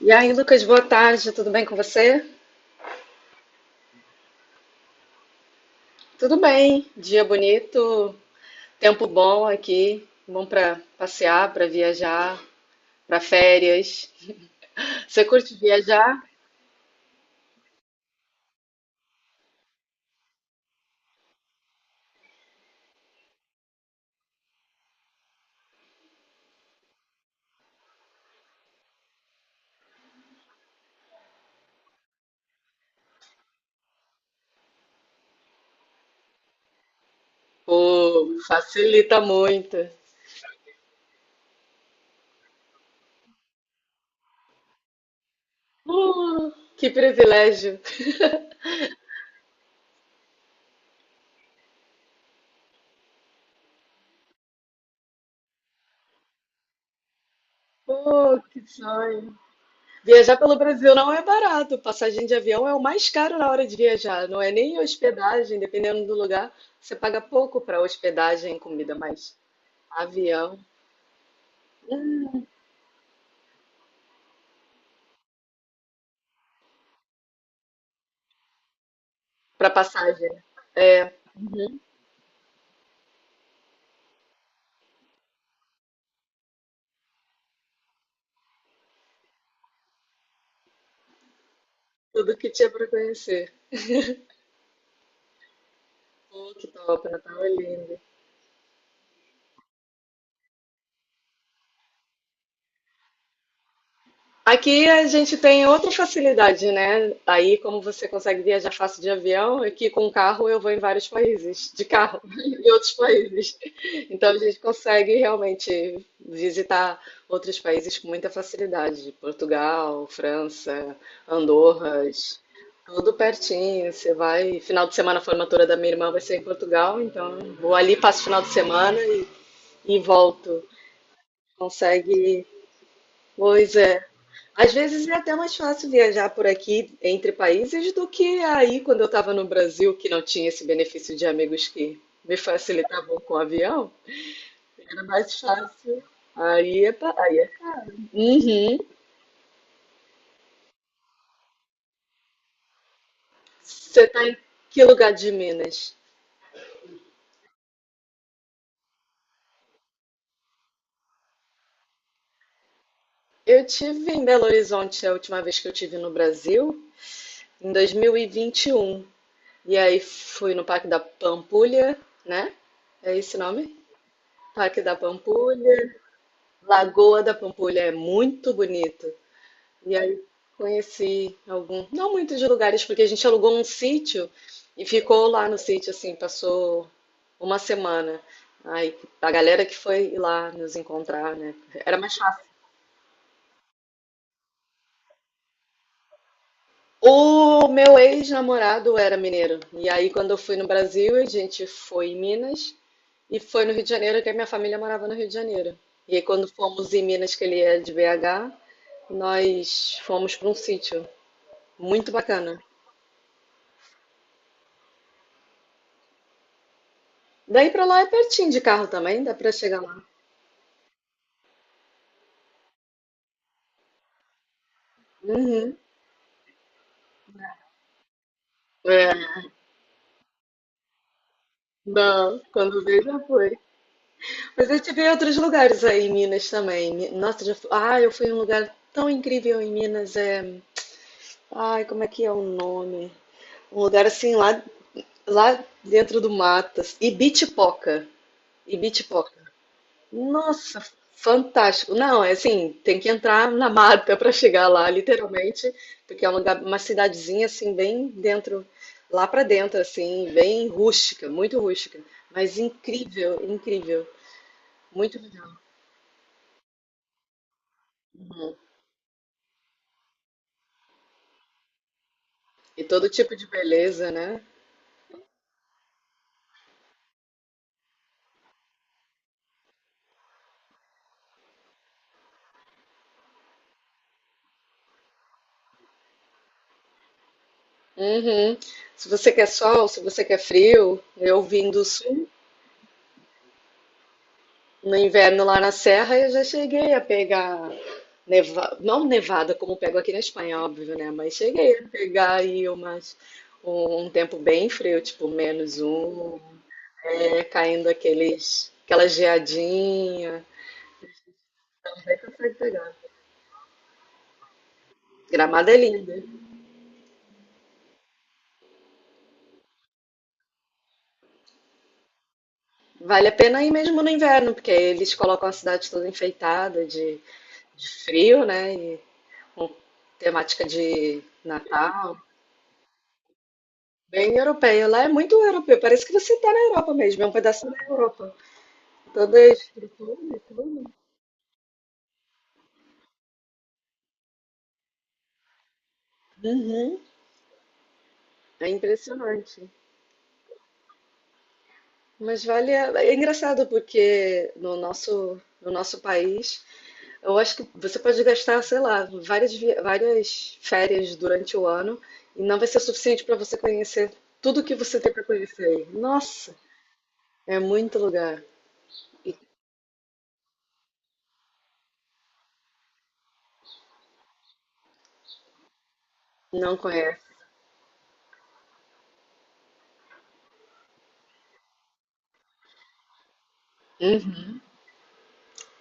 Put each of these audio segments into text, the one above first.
E aí, Lucas, boa tarde, tudo bem com você? Tudo bem, dia bonito, tempo bom aqui, bom para passear, para viajar, para férias. Você curte viajar? Pô, facilita muito. Uh, que privilégio. Que sonho. Viajar pelo Brasil não é barato. Passagem de avião é o mais caro na hora de viajar. Não é nem hospedagem, dependendo do lugar. Você paga pouco para hospedagem, comida, mas avião, para passagem. É, tudo que tinha para conhecer. Pô, que top, Natal é lindo. Aqui a gente tem outra facilidade, né? Aí, como você consegue viajar fácil de avião, aqui com carro eu vou em vários países, de carro, em outros países. Então a gente consegue realmente visitar outros países com muita facilidade. Portugal, França, Andorras, tudo pertinho. Você vai, final de semana a formatura da minha irmã vai ser em Portugal, então vou ali, passo o final de semana e volto. Consegue. Pois é. Às vezes é até mais fácil viajar por aqui entre países do que aí quando eu estava no Brasil, que não tinha esse benefício de amigos que me facilitavam com o avião. Era mais fácil. Aí é praia. Uhum. Você tá em que lugar de Minas? Eu tive em Belo Horizonte a última vez que eu tive no Brasil, em 2021. E vinte e um. E aí fui no Parque da Pampulha, né? É esse o nome? Parque da Pampulha. Lagoa da Pampulha é muito bonito. E aí conheci algum, não muitos lugares, porque a gente alugou um sítio e ficou lá no sítio, assim, passou uma semana. Aí a galera que foi lá nos encontrar, né? Era mais fácil. O meu ex-namorado era mineiro. E aí quando eu fui no Brasil, a gente foi em Minas e foi no Rio de Janeiro, que a minha família morava no Rio de Janeiro. E aí quando fomos em Minas, que ele é de BH, nós fomos para um sítio. Muito bacana. Daí pra lá é pertinho de carro também, dá pra chegar lá. Uhum. É, não, quando veio já foi. Mas eu tive em outros lugares aí em Minas também. Mi- nossa, já fui... Ah, eu fui em um lugar tão incrível em Minas. É... ai, como é que é o nome? Um lugar assim lá, lá dentro do matas. Ibitipoca. Ibitipoca. Nossa, fantástico. Não, é assim, tem que entrar na mata para chegar lá, literalmente, porque é um lugar- uma cidadezinha assim bem dentro, lá para dentro assim, bem rústica, muito rústica, mas incrível, incrível, muito legal. E todo tipo de beleza, né? Uhum. Se você quer sol, se você quer frio, eu vim do sul. No inverno lá na serra eu já cheguei a pegar neva... não nevada como pego aqui na Espanha, é óbvio, né? Mas cheguei a pegar aí umas... um tempo bem frio, tipo menos um, né? Caindo aqueles... aquela geadinha. Aí consegue pegar. Gramado é lindo. Vale a pena ir mesmo no inverno, porque aí eles colocam a cidade toda enfeitada de frio, né? E com temática de Natal. Bem europeia. Lá é muito europeu. Parece que você está na Europa mesmo. É um pedaço da Europa. Toda a estrutura e tudo. Uhum. É impressionante. Mas vale. A- é engraçado porque no nosso país, eu acho que você pode gastar, sei lá, várias, vi- várias férias durante o ano e não vai ser suficiente para você conhecer tudo que você tem para conhecer aí. Nossa, é muito lugar e não conhece. Uhum.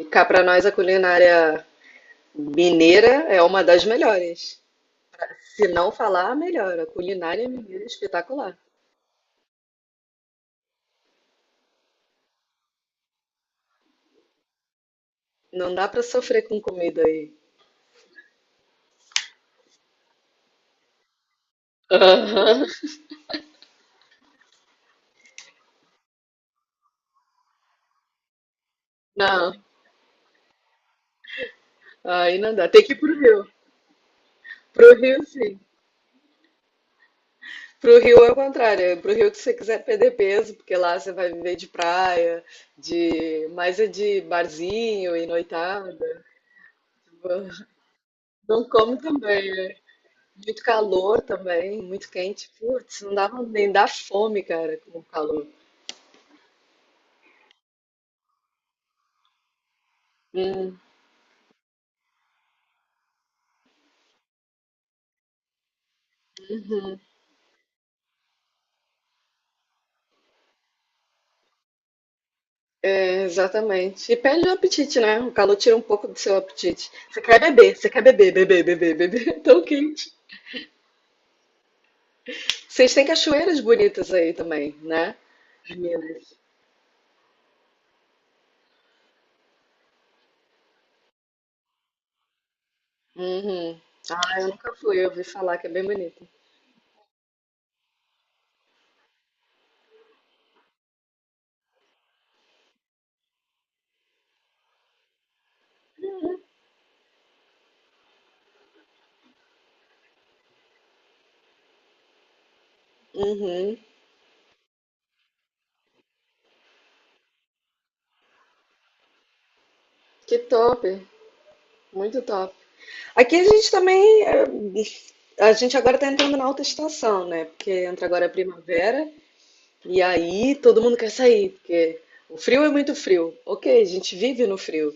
E cá para nós a culinária mineira é uma das melhores. Se não falar, a melhor. A culinária mineira é espetacular. Não dá pra sofrer com comida aí. Aham. Não, aí não dá. Tem que ir pro Rio. Pro Rio, sim. Pro Rio é o contrário. É pro Rio que você quiser perder peso, porque lá você vai viver de praia, de mais é de barzinho e noitada. Não come também. É muito calor também, muito quente. Putz, não dava nem dá fome, cara, com o calor. Hum. Exatamente. E perde o apetite, né? O calor tira um pouco do seu apetite. Você quer beber, beber, beber, beber. Tão quente. Vocês têm cachoeiras bonitas aí também, né? Em Minas. Uhum. Ah, eu nunca fui, eu ouvi falar que é bem bonito. Uhum. Que top. Muito top. Aqui a gente também. É, a gente agora tá entrando na alta estação, né? Porque entra agora a primavera e aí todo mundo quer sair, porque o frio é muito frio. Ok, a gente vive no frio.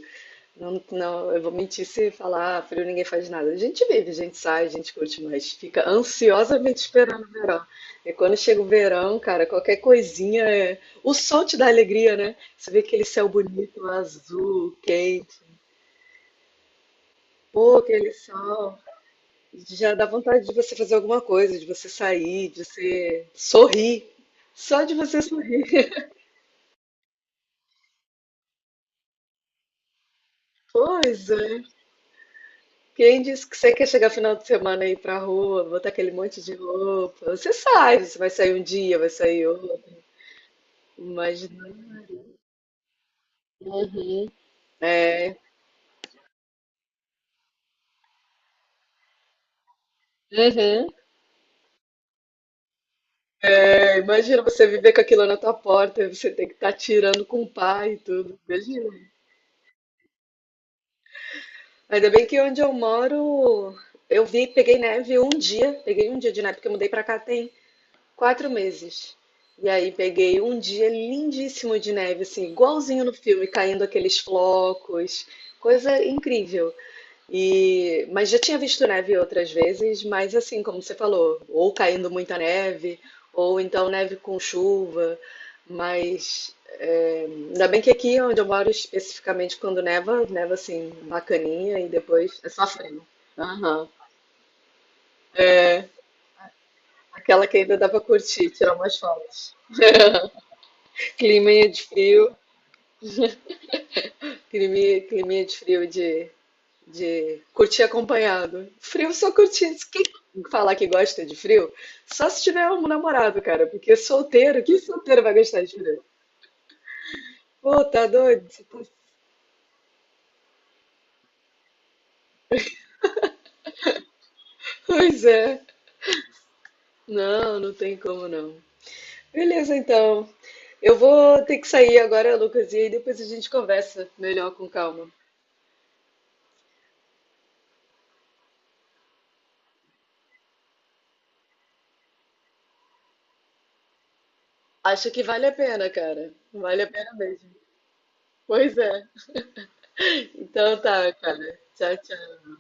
Não, não, eu vou mentir se falar "Ah, frio, ninguém faz nada. A gente vive, a gente sai, a gente curte, mas fica ansiosamente esperando o verão. E quando chega o verão, cara, qualquer coisinha é... O sol te dá alegria, né? Você vê aquele céu bonito, azul, quente. Pô, aquele sol. Já dá vontade de você fazer alguma coisa, de você sair, de você sorrir. Só de você sorrir. Pois é. Quem disse que você quer chegar final de semana aí ir pra rua, botar aquele monte de roupa? Você sai, você vai sair um dia, vai sair outro. Imagina. É. Uhum. É, imagina você viver com aquilo na tua porta, você tem que estar tirando com o pai e tudo. Imagina. Ainda bem que onde eu moro, eu vi, peguei neve um dia, peguei um dia de neve, porque eu mudei pra cá tem 4 meses. E aí peguei um dia lindíssimo de neve, assim, igualzinho no filme, caindo aqueles flocos, coisa incrível. E, mas já tinha visto neve outras vezes, mas assim, como você falou, ou caindo muita neve, ou então neve com chuva. Mas é, ainda bem que aqui onde eu moro, especificamente quando neva, neva assim, bacaninha, e depois é só frio. Aham. É, aquela que ainda dá pra curtir, tirar umas fotos. Climinha de frio, climinha, climinha de frio de curtir acompanhado. Frio só curtir. Quem falar que gosta de frio, só se tiver um namorado, cara, porque solteiro, que solteiro vai gostar de frio? Pô, tá doido? Você tá- pois é. Não, não tem como não. Beleza, então. Eu vou ter que sair agora, Lucas, e aí depois a gente conversa melhor com calma. Acho que vale a pena, cara. Vale a pena mesmo. Pois é. Então tá, cara. Tchau, tchau.